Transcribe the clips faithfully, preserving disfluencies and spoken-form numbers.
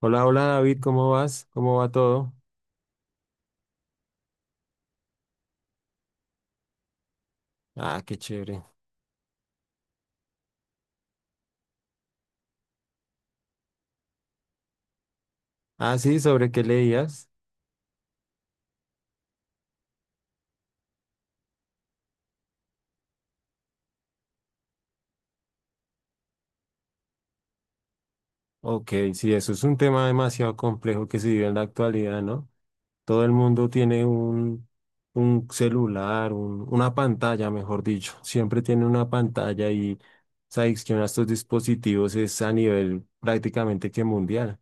Hola, hola David, ¿cómo vas? ¿Cómo va todo? Ah, qué chévere. Ah, sí, ¿sobre qué leías? Ok, sí, eso es un tema demasiado complejo que se vive en la actualidad, ¿no? Todo el mundo tiene un, un celular, un- una pantalla, mejor dicho. Siempre tiene una pantalla y sabes que estos dispositivos es a nivel prácticamente que mundial.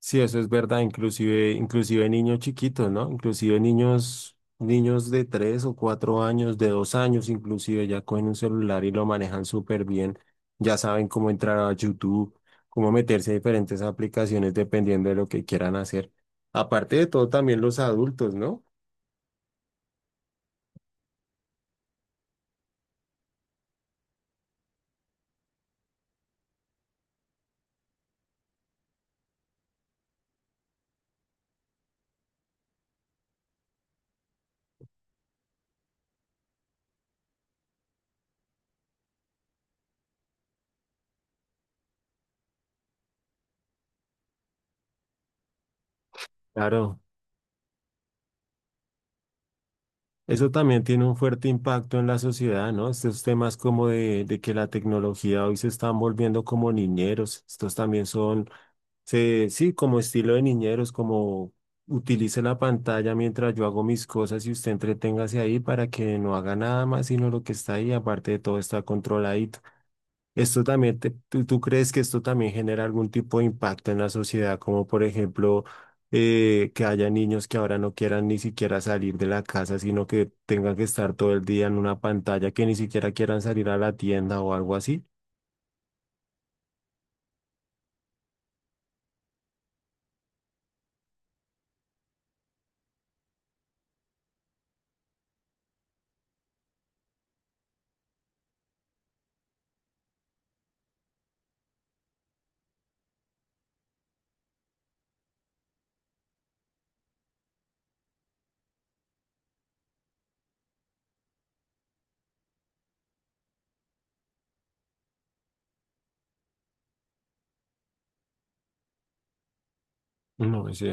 Sí, eso es verdad, inclusive, inclusive niños chiquitos, ¿no? Inclusive niños, niños de tres o cuatro años, de dos años, inclusive ya cogen un celular y lo manejan súper bien. Ya saben cómo entrar a YouTube, cómo meterse a diferentes aplicaciones dependiendo de lo que quieran hacer. Aparte de todo, también los adultos, ¿no? Claro, eso también tiene un fuerte impacto en la sociedad, ¿no? Estos temas como de, de que la tecnología hoy se están volviendo como niñeros, estos también son. Se, sí, como estilo de niñeros, como utilice la pantalla mientras yo hago mis cosas y usted entreténgase ahí para que no haga nada más sino lo que está ahí, aparte de todo está controladito. Esto también, te- tú, tú crees que esto también genera algún tipo de impacto en la sociedad, como por ejemplo eh, que haya niños que ahora no quieran ni siquiera salir de la casa, sino que tengan que estar todo el día en una pantalla, que ni siquiera quieran salir a la tienda o algo así. No, sí,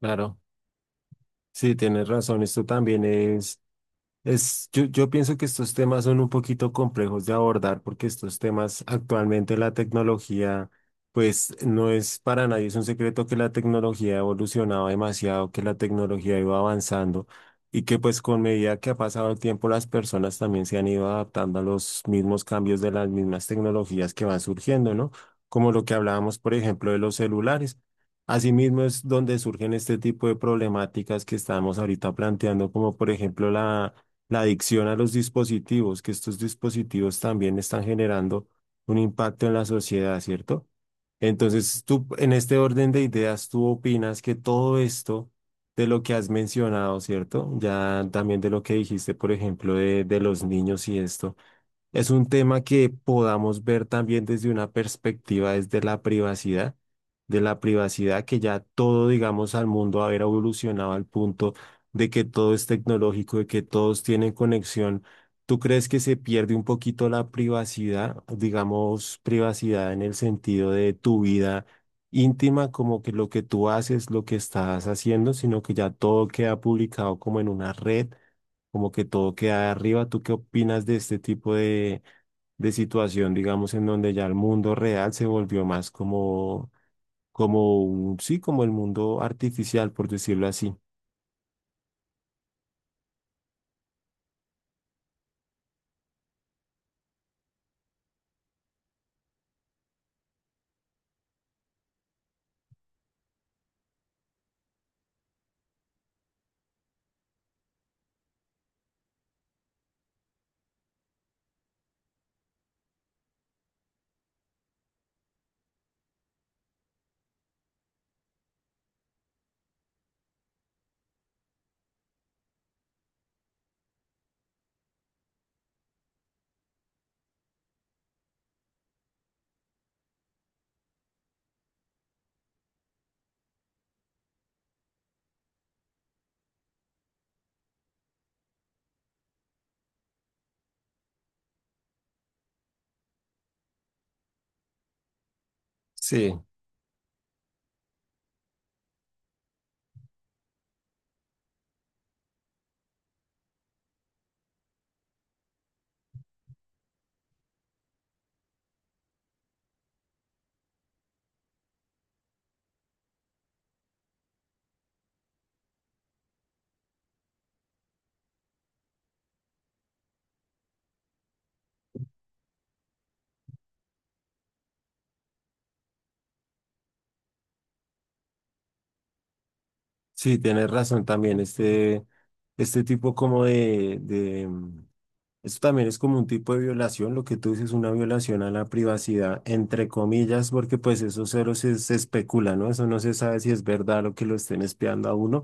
claro. Sí, tienes razón, esto también es. Es, yo, yo pienso que estos temas son un poquito complejos de abordar porque estos temas actualmente la tecnología, pues no es para nadie, es un secreto que la tecnología ha evolucionado demasiado, que la tecnología iba avanzando y que pues con medida que ha pasado el tiempo las personas también se han ido adaptando a los mismos cambios de las mismas tecnologías que van surgiendo, ¿no? Como lo que hablábamos, por ejemplo, de los celulares. Asimismo es donde surgen este tipo de problemáticas que estamos ahorita planteando, como por ejemplo la la adicción a los dispositivos, que estos dispositivos también están generando un impacto en la sociedad, ¿cierto? Entonces, tú, en este orden de ideas, tú opinas que todo esto de lo que has mencionado, ¿cierto? Ya también de lo que dijiste, por ejemplo, de, de los niños y esto. Es un tema que podamos ver también desde una perspectiva, desde la privacidad, de la privacidad que ya todo, digamos, al mundo haber evolucionado al punto de que todo es tecnológico, de que todos tienen conexión. ¿Tú crees que se pierde un poquito la privacidad, digamos, privacidad en el sentido de tu vida íntima, como que lo que tú haces, lo que estás haciendo, sino que ya todo queda publicado como en una red? Como que todo queda arriba. ¿Tú qué opinas de este tipo de, de situación, digamos, en donde ya el mundo real se volvió más como, como un, sí, como el mundo artificial, por decirlo así? Sí, sí, tienes razón también. Este, este tipo como de, de, mm, esto también es como un tipo de violación, lo que tú dices, una violación a la privacidad, entre comillas, porque pues eso cero se, se especula, ¿no? Eso no se sabe si es verdad lo que lo estén espiando a uno,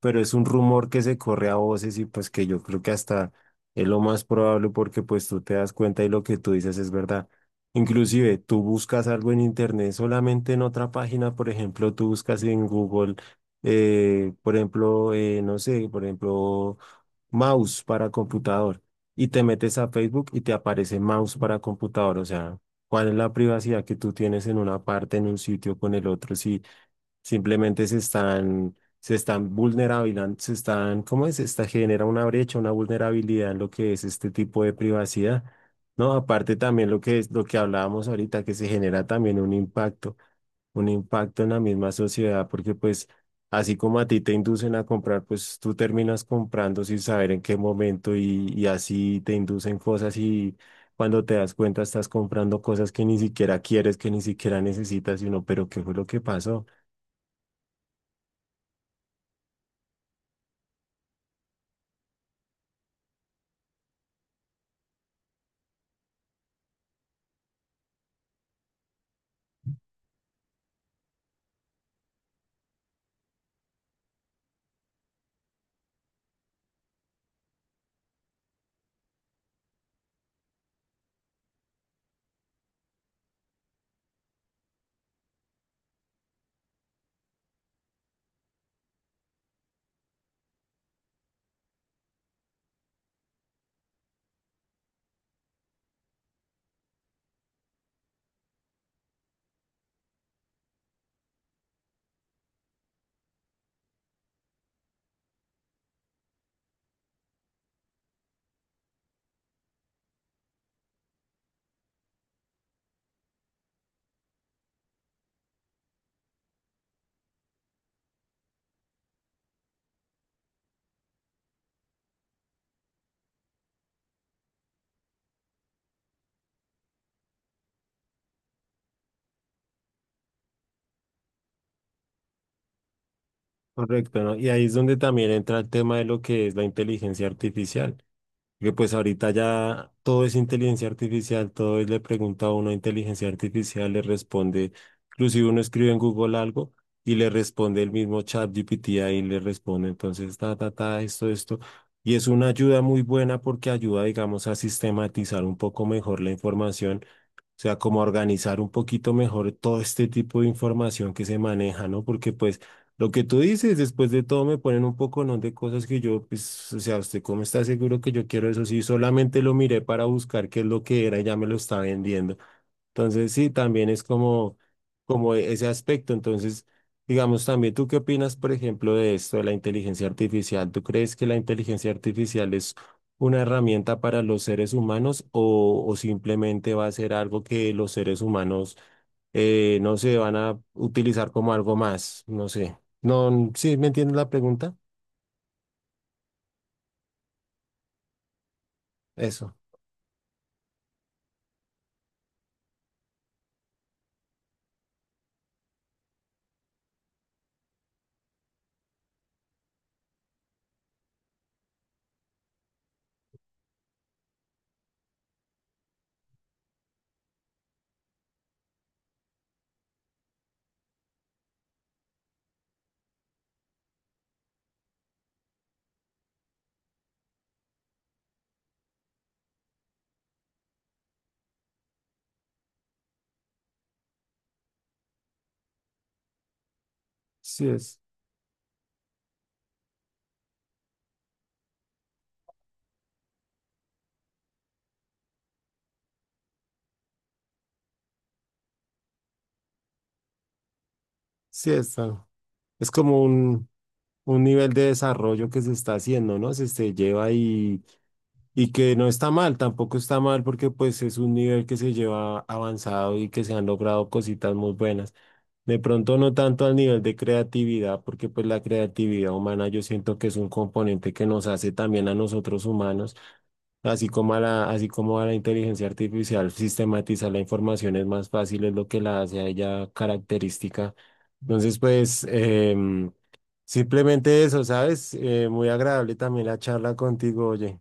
pero es un rumor que se corre a voces y pues que yo creo que hasta es lo más probable porque pues tú te das cuenta y lo que tú dices es verdad. Inclusive tú buscas algo en internet solamente en otra página, por ejemplo, tú buscas en Google, eh, por ejemplo, eh, no sé, por ejemplo, mouse para computador, y te metes a Facebook y te aparece mouse para computador, o sea, ¿cuál es la privacidad que tú tienes en una parte, en un sitio con el otro? Si simplemente se están, se están vulnerabilizando, se están, ¿cómo es? Esta genera una brecha, una vulnerabilidad en lo que es este tipo de privacidad, ¿no? Aparte también lo que es, lo que hablábamos ahorita, que se genera también un impacto, un impacto en la misma sociedad, porque pues así como a ti te inducen a comprar, pues tú terminas comprando sin saber en qué momento y, y así te inducen cosas y cuando te das cuenta estás comprando cosas que ni siquiera quieres, que ni siquiera necesitas, y uno, pero ¿qué fue lo que pasó? Correcto, ¿no? Y ahí es donde también entra el tema de lo que es la inteligencia artificial, que pues ahorita ya todo es inteligencia artificial, todo es le pregunta a uno a inteligencia artificial, le responde, inclusive uno escribe en Google algo y le responde el mismo chat G P T ahí le responde, entonces, ta, ta, ta, esto, esto. Y es una ayuda muy buena porque ayuda, digamos, a sistematizar un poco mejor la información, o sea, como organizar un poquito mejor todo este tipo de información que se maneja, ¿no? Porque pues lo que tú dices, después de todo me ponen un poco, ¿no? de cosas que yo, pues, o sea, ¿usted cómo está seguro que yo quiero eso? Sí, solamente lo miré para buscar qué es lo que era y ya me lo está vendiendo. Entonces, sí, también es como, como e- ese aspecto. Entonces, digamos, también tú qué opinas, por ejemplo, de esto de la inteligencia artificial. ¿Tú crees que la inteligencia artificial es una herramienta para los seres humanos o, o simplemente va a ser algo que los seres humanos, eh, no sé, van a utilizar como algo más? No sé. No, ¿sí me entiendes la pregunta? Eso. Sí es. Sí es. ah, Es como un, un nivel de desarrollo que se está haciendo, ¿no? Se, se lleva ahí. Y que no está mal, tampoco está mal porque pues es un nivel que se lleva avanzado y que se han logrado cositas muy buenas. De pronto no tanto al nivel de creatividad, porque pues la creatividad humana yo siento que es un componente que nos hace también a nosotros humanos, así como a la, así como a la inteligencia artificial, sistematizar la información es más fácil, es lo que la hace a ella característica. Entonces pues em, simplemente eso, ¿sabes? Eh, muy agradable también la charla contigo, oye.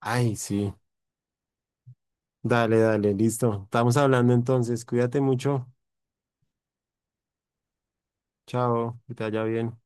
Ay, sí. Dale, dale, listo. Estamos hablando entonces. Cuídate mucho. Chao, que te vaya bien.